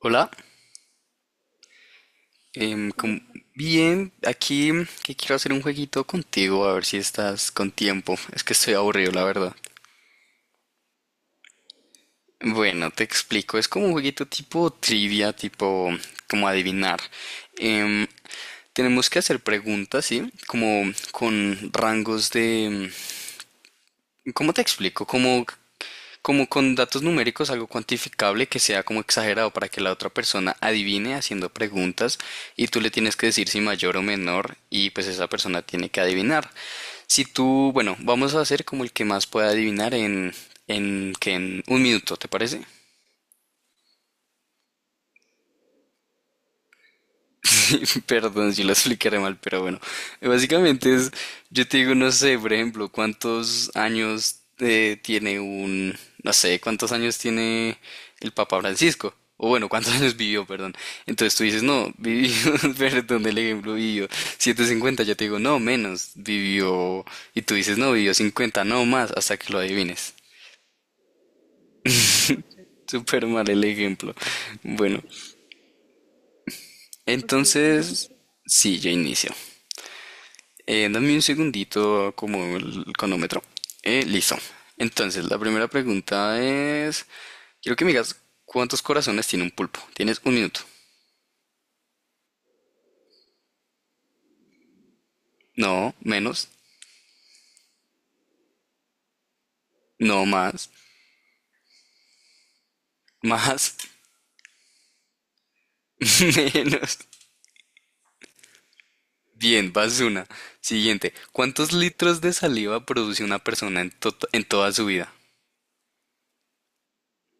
Hola. em, com- Bien, aquí que quiero hacer un jueguito contigo, a ver si estás con tiempo. Es que estoy aburrido, la verdad. Bueno, te explico, es como un jueguito tipo trivia, tipo como adivinar. Em, Tenemos que hacer preguntas, ¿sí? Como con rangos de. ¿Cómo te explico? Como con datos numéricos, algo cuantificable que sea como exagerado para que la otra persona adivine haciendo preguntas y tú le tienes que decir si mayor o menor y pues esa persona tiene que adivinar. Si tú, bueno, vamos a hacer como el que más pueda adivinar que en un minuto, ¿te parece? Perdón si lo explicaré mal, pero bueno. Básicamente es, yo te digo, no sé, por ejemplo, cuántos años no sé, cuántos años tiene el Papa Francisco. O bueno, cuántos años vivió, perdón. Entonces tú dices, no, vivió, perdón, el ejemplo, vivió 750. Yo te digo, no, menos, vivió. Y tú dices, no, vivió 50, no más, hasta que lo adivines. Súper mal el ejemplo. Bueno, entonces, sí, yo inicio. Dame un segundito como el cronómetro. Listo. Entonces, la primera pregunta es, quiero que me digas cuántos corazones tiene un pulpo. Tienes un minuto. No, menos. No más. Más. Menos. Bien, vas una. Siguiente. ¿Cuántos litros de saliva produce una persona en toda su vida?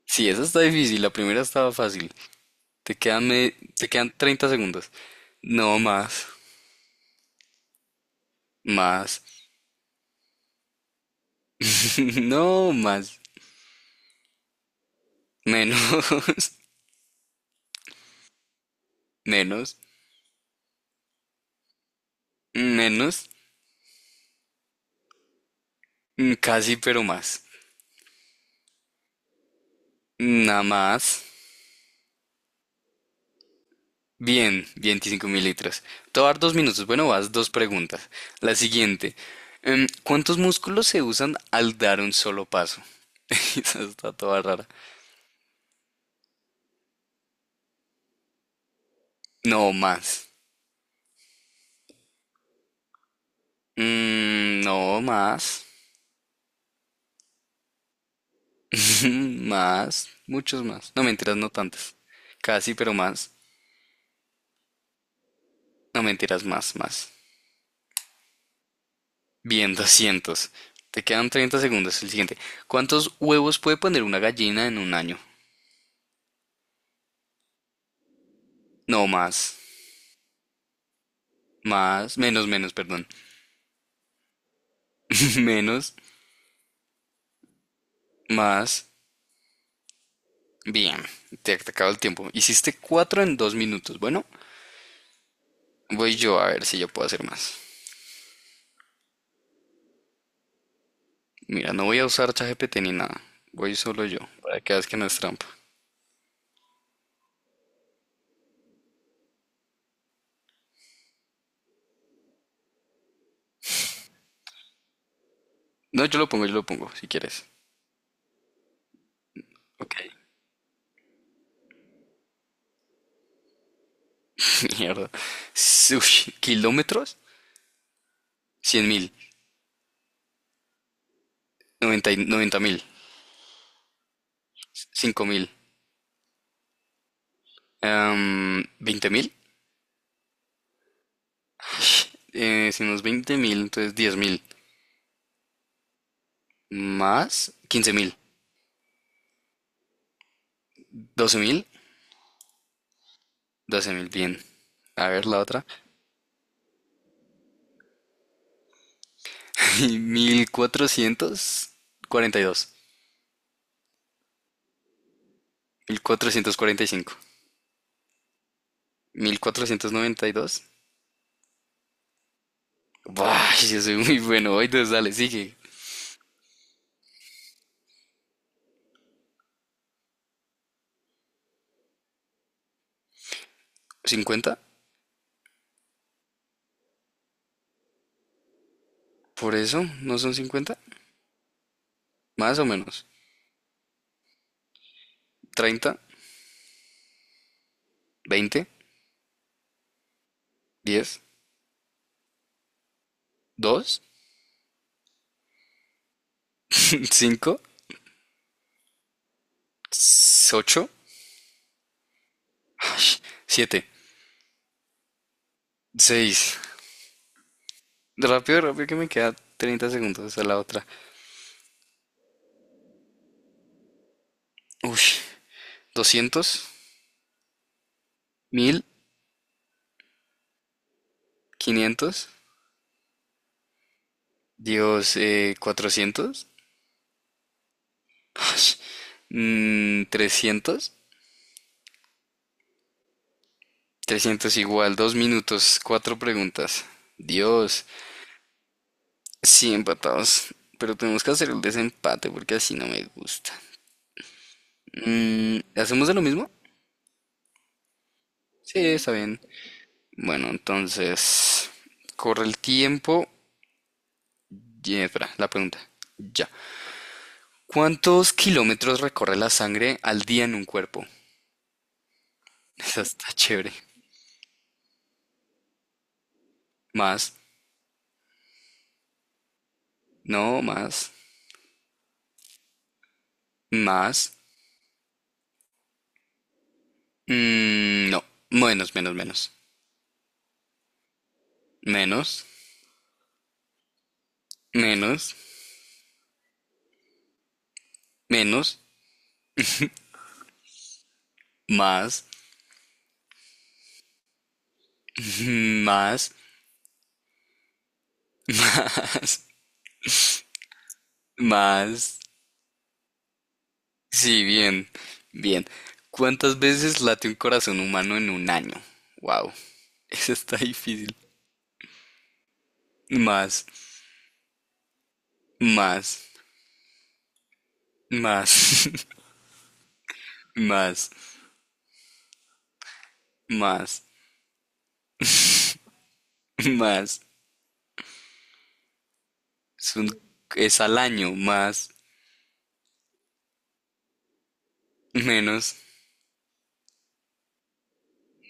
Sí, esa está difícil. La primera estaba fácil. Te quedan, me- Te quedan 30 segundos. No más. Más. No más. Menos, menos, menos, casi pero más. Nada más. Bien, 25 mililitros litros. Te voy a dar 2 minutos. Bueno, vas dos preguntas. La siguiente. ¿Cuántos músculos se usan al dar un solo paso? Esa está toda rara. No más. No más. Más. Muchos más. No mentiras, no tantas. Casi pero más. No mentiras, más, más. Bien, 200. Te quedan 30 segundos. El siguiente. ¿Cuántos huevos puede poner una gallina en un año? No, más. Más. Menos, menos, perdón. Menos. Más. Bien. Te acabo el tiempo. Hiciste 4 en 2 minutos. Bueno, voy yo a ver si yo puedo hacer más. Mira, no voy a usar ChatGPT ni nada. Voy solo yo. Para que veas que no es trampa. No, yo lo pongo, si quieres. Ok. Mierda. Ush, ¿kilómetros? Cien mil. Noventa mil. Cinco mil. ¿20 mil? Si unos 20 mil, entonces 10 mil. Más quince mil. Doce mil. Doce mil, bien. A ver la otra. Mil cuatrocientos cuatrocientos cuarenta y dos cinco 1492. Buah, yo soy muy bueno. Hoy entonces dale, sigue. Cincuenta. Por eso, ¿no son cincuenta? Más o menos. Treinta. Veinte. Diez. Dos. Cinco. Ocho. Siete. Seis. Rápido, rápido, que me queda 30 segundos a la otra. Uy, doscientos, mil, quinientos, Dios, 400, 300, 300 igual, dos minutos, cuatro preguntas. Dios, sí, empatados. Pero tenemos que hacer el desempate porque así no me gusta. ¿Hacemos de lo mismo? Sí, está bien. Bueno, entonces, corre el tiempo. Y, espera, la pregunta. Ya. ¿Cuántos kilómetros recorre la sangre al día en un cuerpo? Esa está chévere. Más, no, más, más, no, menos, menos, menos, menos, menos, menos, más, más, más. Sí, bien, bien. ¿Cuántas veces late un corazón humano en un año? Wow, eso está difícil. Más, más, más, más, más, más. Es un- es al año, más, menos,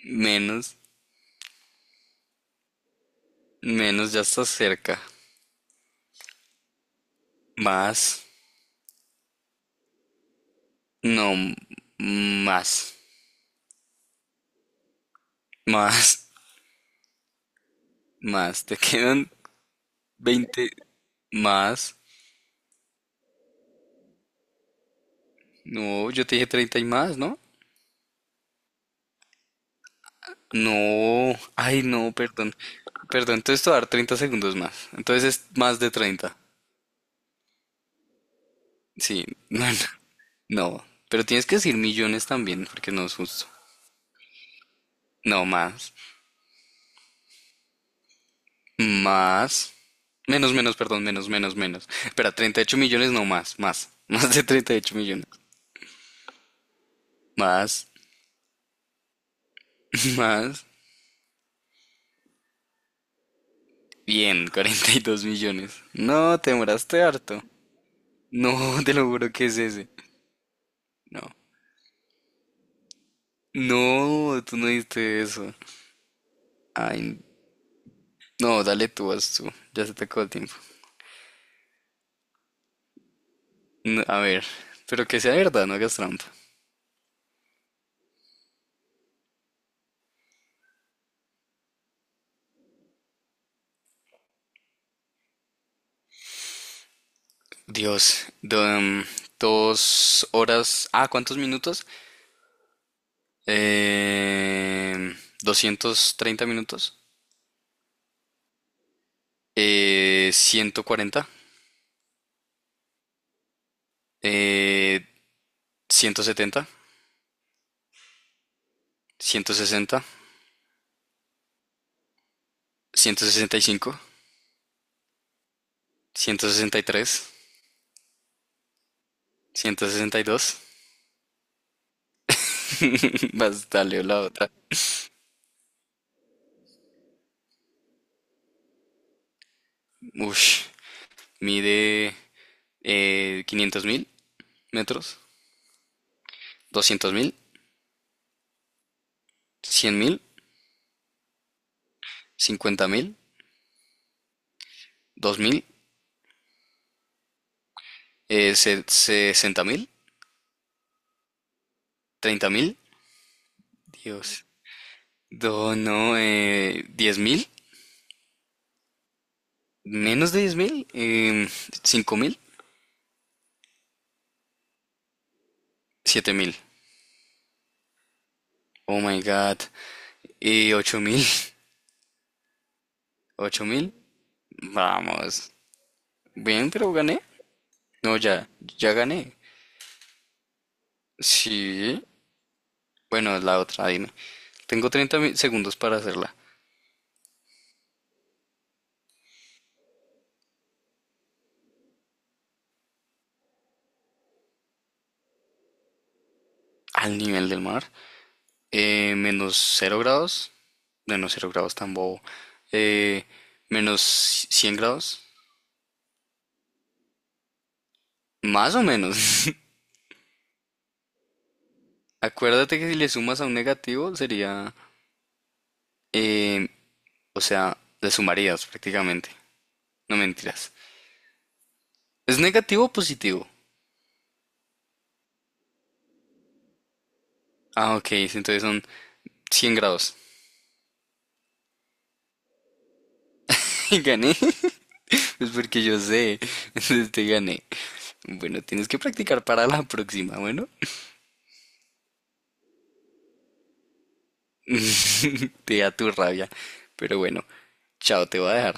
menos, menos, ya está cerca. Más, no, m- más, más, más. Te quedan veinte más. No, yo te dije treinta y más, ¿no? No, ay, no, perdón. Perdón, entonces te voy a dar 30 segundos más. Entonces es más de treinta. Sí, no, no, no. Pero tienes que decir millones también, porque no es justo. No, más. Más. Menos, menos, perdón, menos, menos, menos. Espera, 38 millones, no más, más. Más de 38 millones. Más, más. Bien, 42 millones. No, te demoraste harto. No, te lo juro que es ese. No. No, tú no diste eso. Ay, no, dale tú, haz tú. Ya se te acabó el tiempo. No, a ver, pero que sea verdad, no hagas trampa. Dios, dos horas. Ah, ¿cuántos minutos? eh, 230 minutos, 140, eh, 170, 160, 165, 163, 162. Más dale la otra. Ush, mide 500 mil metros, doscientos mil, cien mil, cincuenta mil, dos mil, 60 mil, 30 mil. Dios. Do no, 10 mil. Menos de 10.000, cinco mil, siete mil. Oh my god. Y ocho mil. Ocho mil. Vamos. Bien, pero gané. No, ya, ya gané. Sí. Bueno, la otra, dime. Tengo 30 segundos para hacerla. Al nivel del mar. Menos cero grados. Menos cero grados tan bobo. Eh, Menos 100 grados. Más o menos. Acuérdate que si le sumas a un negativo sería em, o sea, le sumarías prácticamente. No mentiras. ¿Es negativo o positivo? Ah, ok, sí, entonces son 100 grados. ¿Y gané? Pues porque yo sé. Entonces te gané. Bueno, tienes que practicar para la próxima, bueno. Te da tu rabia. Pero bueno, chao, te voy a dejar.